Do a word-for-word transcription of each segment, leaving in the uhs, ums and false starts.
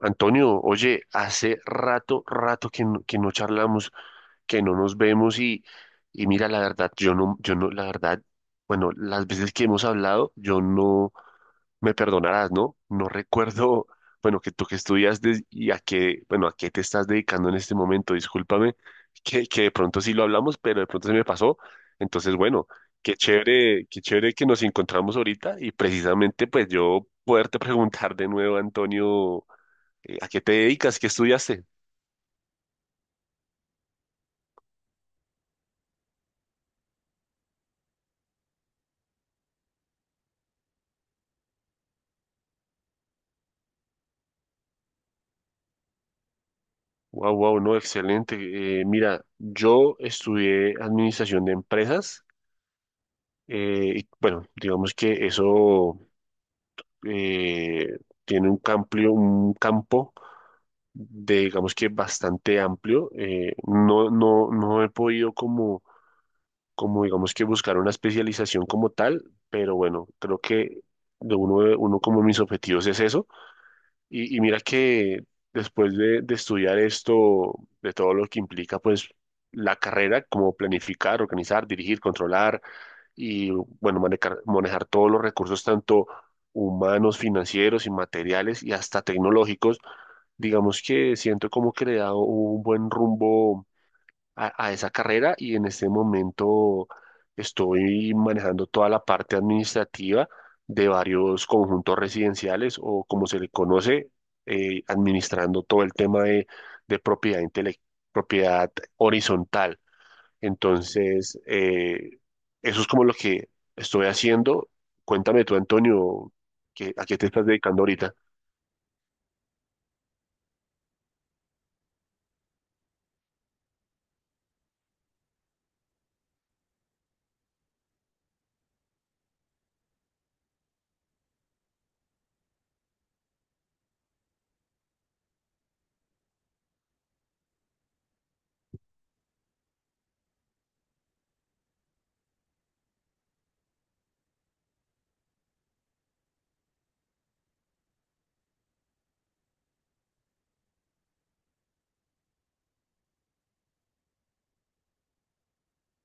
Antonio, oye, hace rato, rato que no, que no charlamos, que no nos vemos y, y mira, la verdad, yo no, yo no, la verdad, bueno, las veces que hemos hablado, yo no, me perdonarás, ¿no? No recuerdo, bueno, que tú que estudiaste y a qué, bueno, a qué te estás dedicando en este momento, discúlpame, que, que de pronto sí lo hablamos, pero de pronto se me pasó. Entonces, bueno, qué chévere, qué chévere que nos encontramos ahorita y precisamente pues yo poderte preguntar de nuevo, Antonio. Eh, ¿A qué te dedicas? ¿Qué estudiaste? Wow, wow, no, excelente. Eh, mira, yo estudié administración de empresas eh, y bueno, digamos que eso eh, tiene un amplio, un campo de, digamos que bastante amplio. Eh, no, no, no he podido como, como digamos que buscar una especialización como tal, pero bueno, creo que de uno, de uno como mis objetivos es eso. Y, y mira que después de, de estudiar esto, de todo lo que implica, pues la carrera, como planificar, organizar, dirigir, controlar y, bueno, manejar, manejar todos los recursos, tanto humanos, financieros y materiales y hasta tecnológicos, digamos que siento como que le da un buen rumbo a, a esa carrera y en este momento estoy manejando toda la parte administrativa de varios conjuntos residenciales o como se le conoce, eh, administrando todo el tema de, de propiedad intele- propiedad horizontal. Entonces, eh, eso es como lo que estoy haciendo. Cuéntame tú, Antonio, qué ¿a qué te estás dedicando ahorita?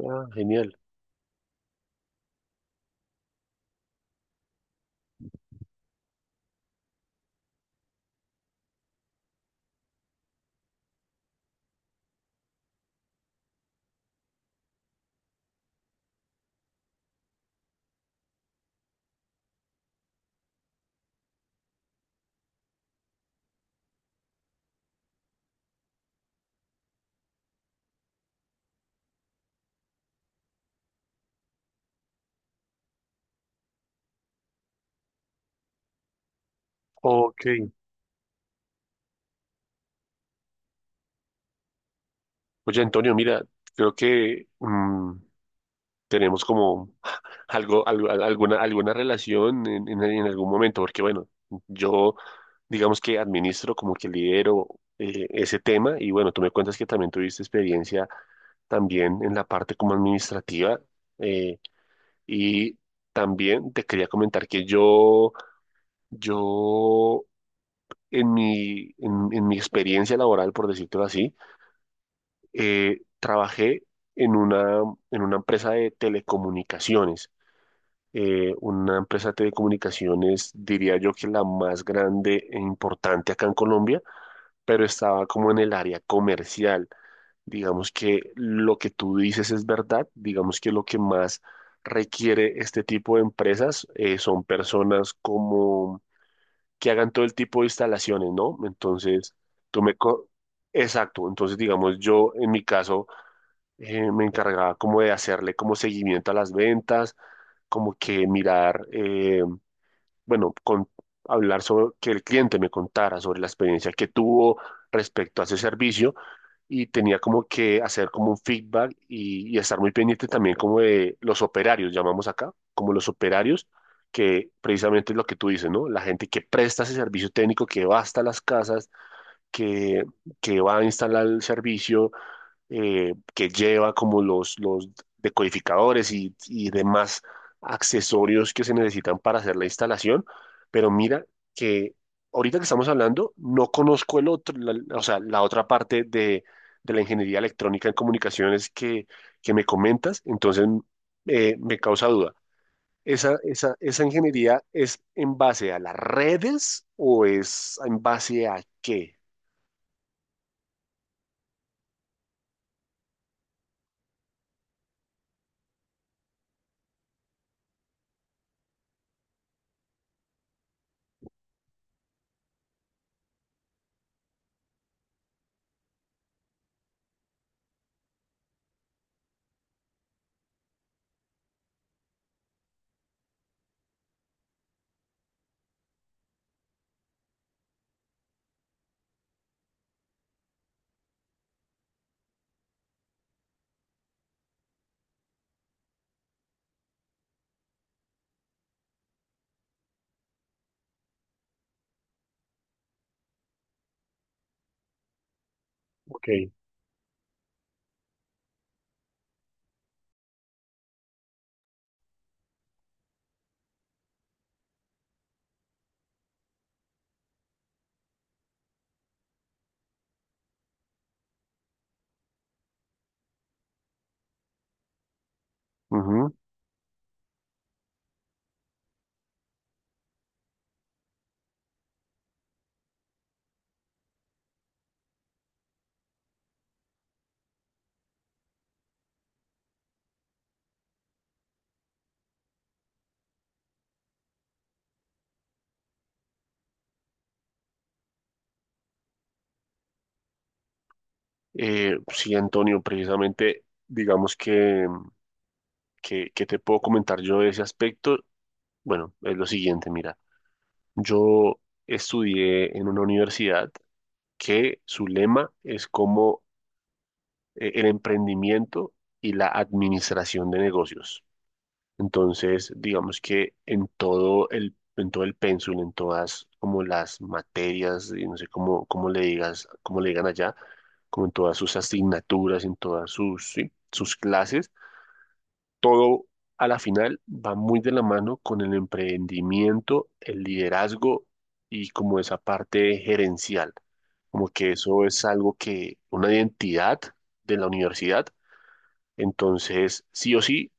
Ah, genial. Ok. Oye, Antonio, mira, creo que mm, tenemos como algo, algo- al- alguna, alguna relación en, en- en algún momento, porque bueno, yo digamos que administro como que lidero eh, ese tema y bueno, tú me cuentas que también tuviste experiencia también en la parte como administrativa eh, y también te quería comentar que yo, yo en mi, en, en mi experiencia laboral, por decirlo así, eh, trabajé en una, en una empresa de telecomunicaciones. eh, una empresa de telecomunicaciones, diría yo que la más grande e importante acá en Colombia, pero estaba como en el área comercial. Digamos que lo que tú dices es verdad, digamos que lo que más requiere este tipo de empresas eh, son personas como que hagan todo el tipo de instalaciones, ¿no? Entonces, tú me... co- Exacto, entonces digamos yo en mi caso eh, me encargaba como de hacerle como seguimiento a las ventas, como que mirar eh, bueno, con, hablar sobre que el cliente me contara sobre la experiencia que tuvo respecto a ese servicio y tenía como que hacer como un feedback y, y estar muy pendiente también como de los operarios, llamamos acá, como los operarios, que precisamente es lo que tú dices, ¿no? La gente que presta ese servicio técnico, que va hasta las casas, que, que va a instalar el servicio eh, que lleva como los, los decodificadores y, y demás accesorios que se necesitan para hacer la instalación. Pero mira que ahorita que estamos hablando, no conozco el otro, la- o sea, la otra parte de, de la ingeniería electrónica en comunicaciones que, que me comentas, entonces eh, me causa duda. ¿Esa, esa, esa ingeniería es en base a las redes o es en base a qué? Ok. Eh, sí, Antonio, precisamente, digamos que, que, que te puedo comentar yo de ese aspecto. Bueno, es lo siguiente, mira, yo estudié en una universidad que su lema es como eh, el emprendimiento y la administración de negocios. Entonces, digamos que en todo el, en todo el pénsul, en todas como las materias, y no sé cómo, cómo le digas, cómo le digan allá, como en todas sus asignaturas, en todas sus, sí, sus clases, todo a la final va muy de la mano con el emprendimiento, el liderazgo y como esa parte gerencial, como que eso es algo que, una identidad de la universidad. Entonces, sí o sí,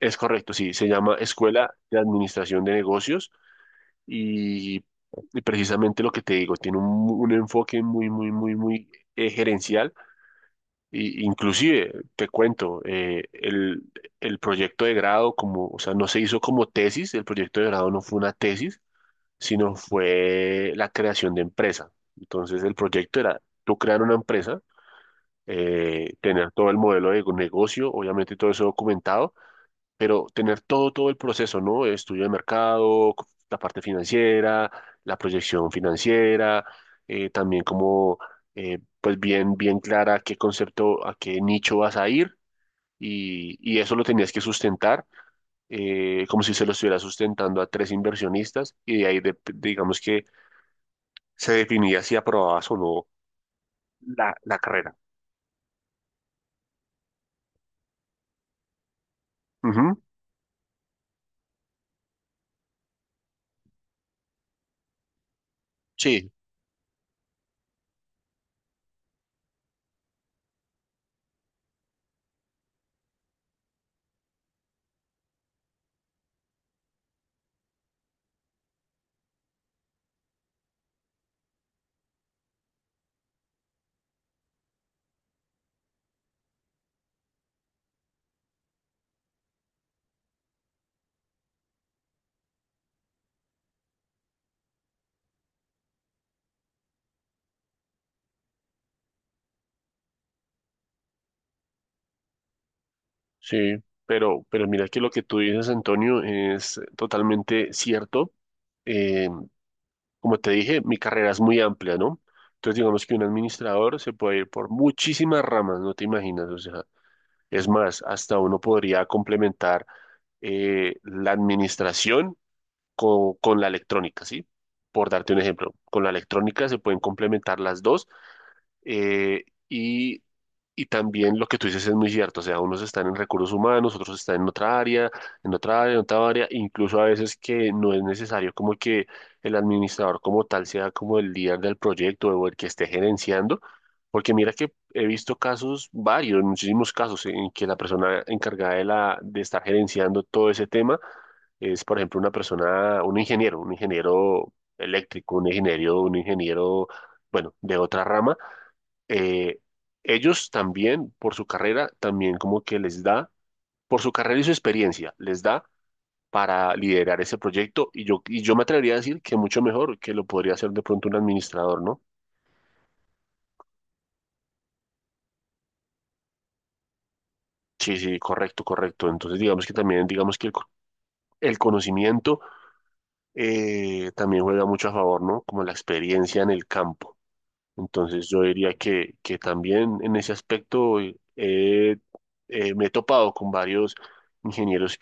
es correcto, sí, se llama Escuela de Administración de Negocios y, y precisamente lo que te digo, tiene un, un enfoque muy, muy, muy, muy eh, gerencial. Y, inclusive, te cuento, eh, el, el proyecto de grado, como, o sea, no se hizo como tesis, el proyecto de grado no fue una tesis, sino fue la creación de empresa. Entonces, el proyecto era tú crear una empresa, eh, tener todo el modelo de negocio, obviamente todo eso documentado pero tener todo, todo el proceso, ¿no? Estudio de mercado, la parte financiera, la proyección financiera, eh, también como, eh, pues bien, bien clara qué concepto, a qué nicho vas a ir y, y eso lo tenías que sustentar, eh, como si se lo estuviera sustentando a tres inversionistas y de ahí, de- digamos que se definía si aprobabas o no la, la carrera. Ujú. Sí, sí, pero, pero mira que lo que tú dices, Antonio, es totalmente cierto. Eh, Como te dije, mi carrera es muy amplia, ¿no? Entonces, digamos que un administrador se puede ir por muchísimas ramas, no te imaginas. O sea, es más, hasta uno podría complementar eh, la administración co- con, la electrónica, ¿sí? Por darte un ejemplo, con la electrónica se pueden complementar las dos eh, y, y también lo que tú dices es muy cierto, o sea, unos están en recursos humanos, otros están en otra área, en otra área, en otra área, incluso a veces que no es necesario como que el administrador como tal sea como el líder del proyecto o el que esté gerenciando, porque mira que he visto casos varios, muchísimos casos en que la persona encargada de la, de estar gerenciando todo ese tema es, por ejemplo, una persona, un ingeniero, un ingeniero eléctrico, un ingeniero, un ingeniero, bueno, de otra rama, eh, ellos también, por su carrera, también como que les da, por su carrera y su experiencia, les da para liderar ese proyecto y yo, y yo me atrevería a decir que mucho mejor que lo podría hacer de pronto un administrador, ¿no? Sí, sí, correcto, correcto. Entonces digamos que también, digamos que el, co- el conocimiento eh, también juega mucho a favor, ¿no? Como la experiencia en el campo. Entonces yo diría que, que también en ese aspecto eh, eh, me he topado con varios ingenieros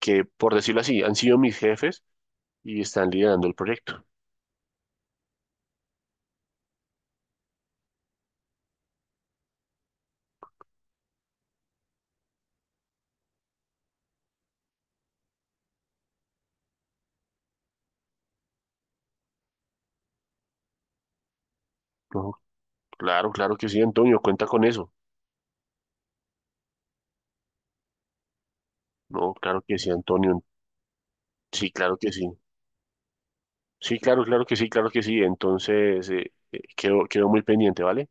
que, por decirlo así, han sido mis jefes y están liderando el proyecto. No, claro, claro que sí, Antonio, cuenta con eso. No, claro que sí, Antonio. Sí, claro que sí. Sí, claro, claro que sí, claro que sí. Entonces, eh, eh, quedo, quedo muy pendiente, ¿vale?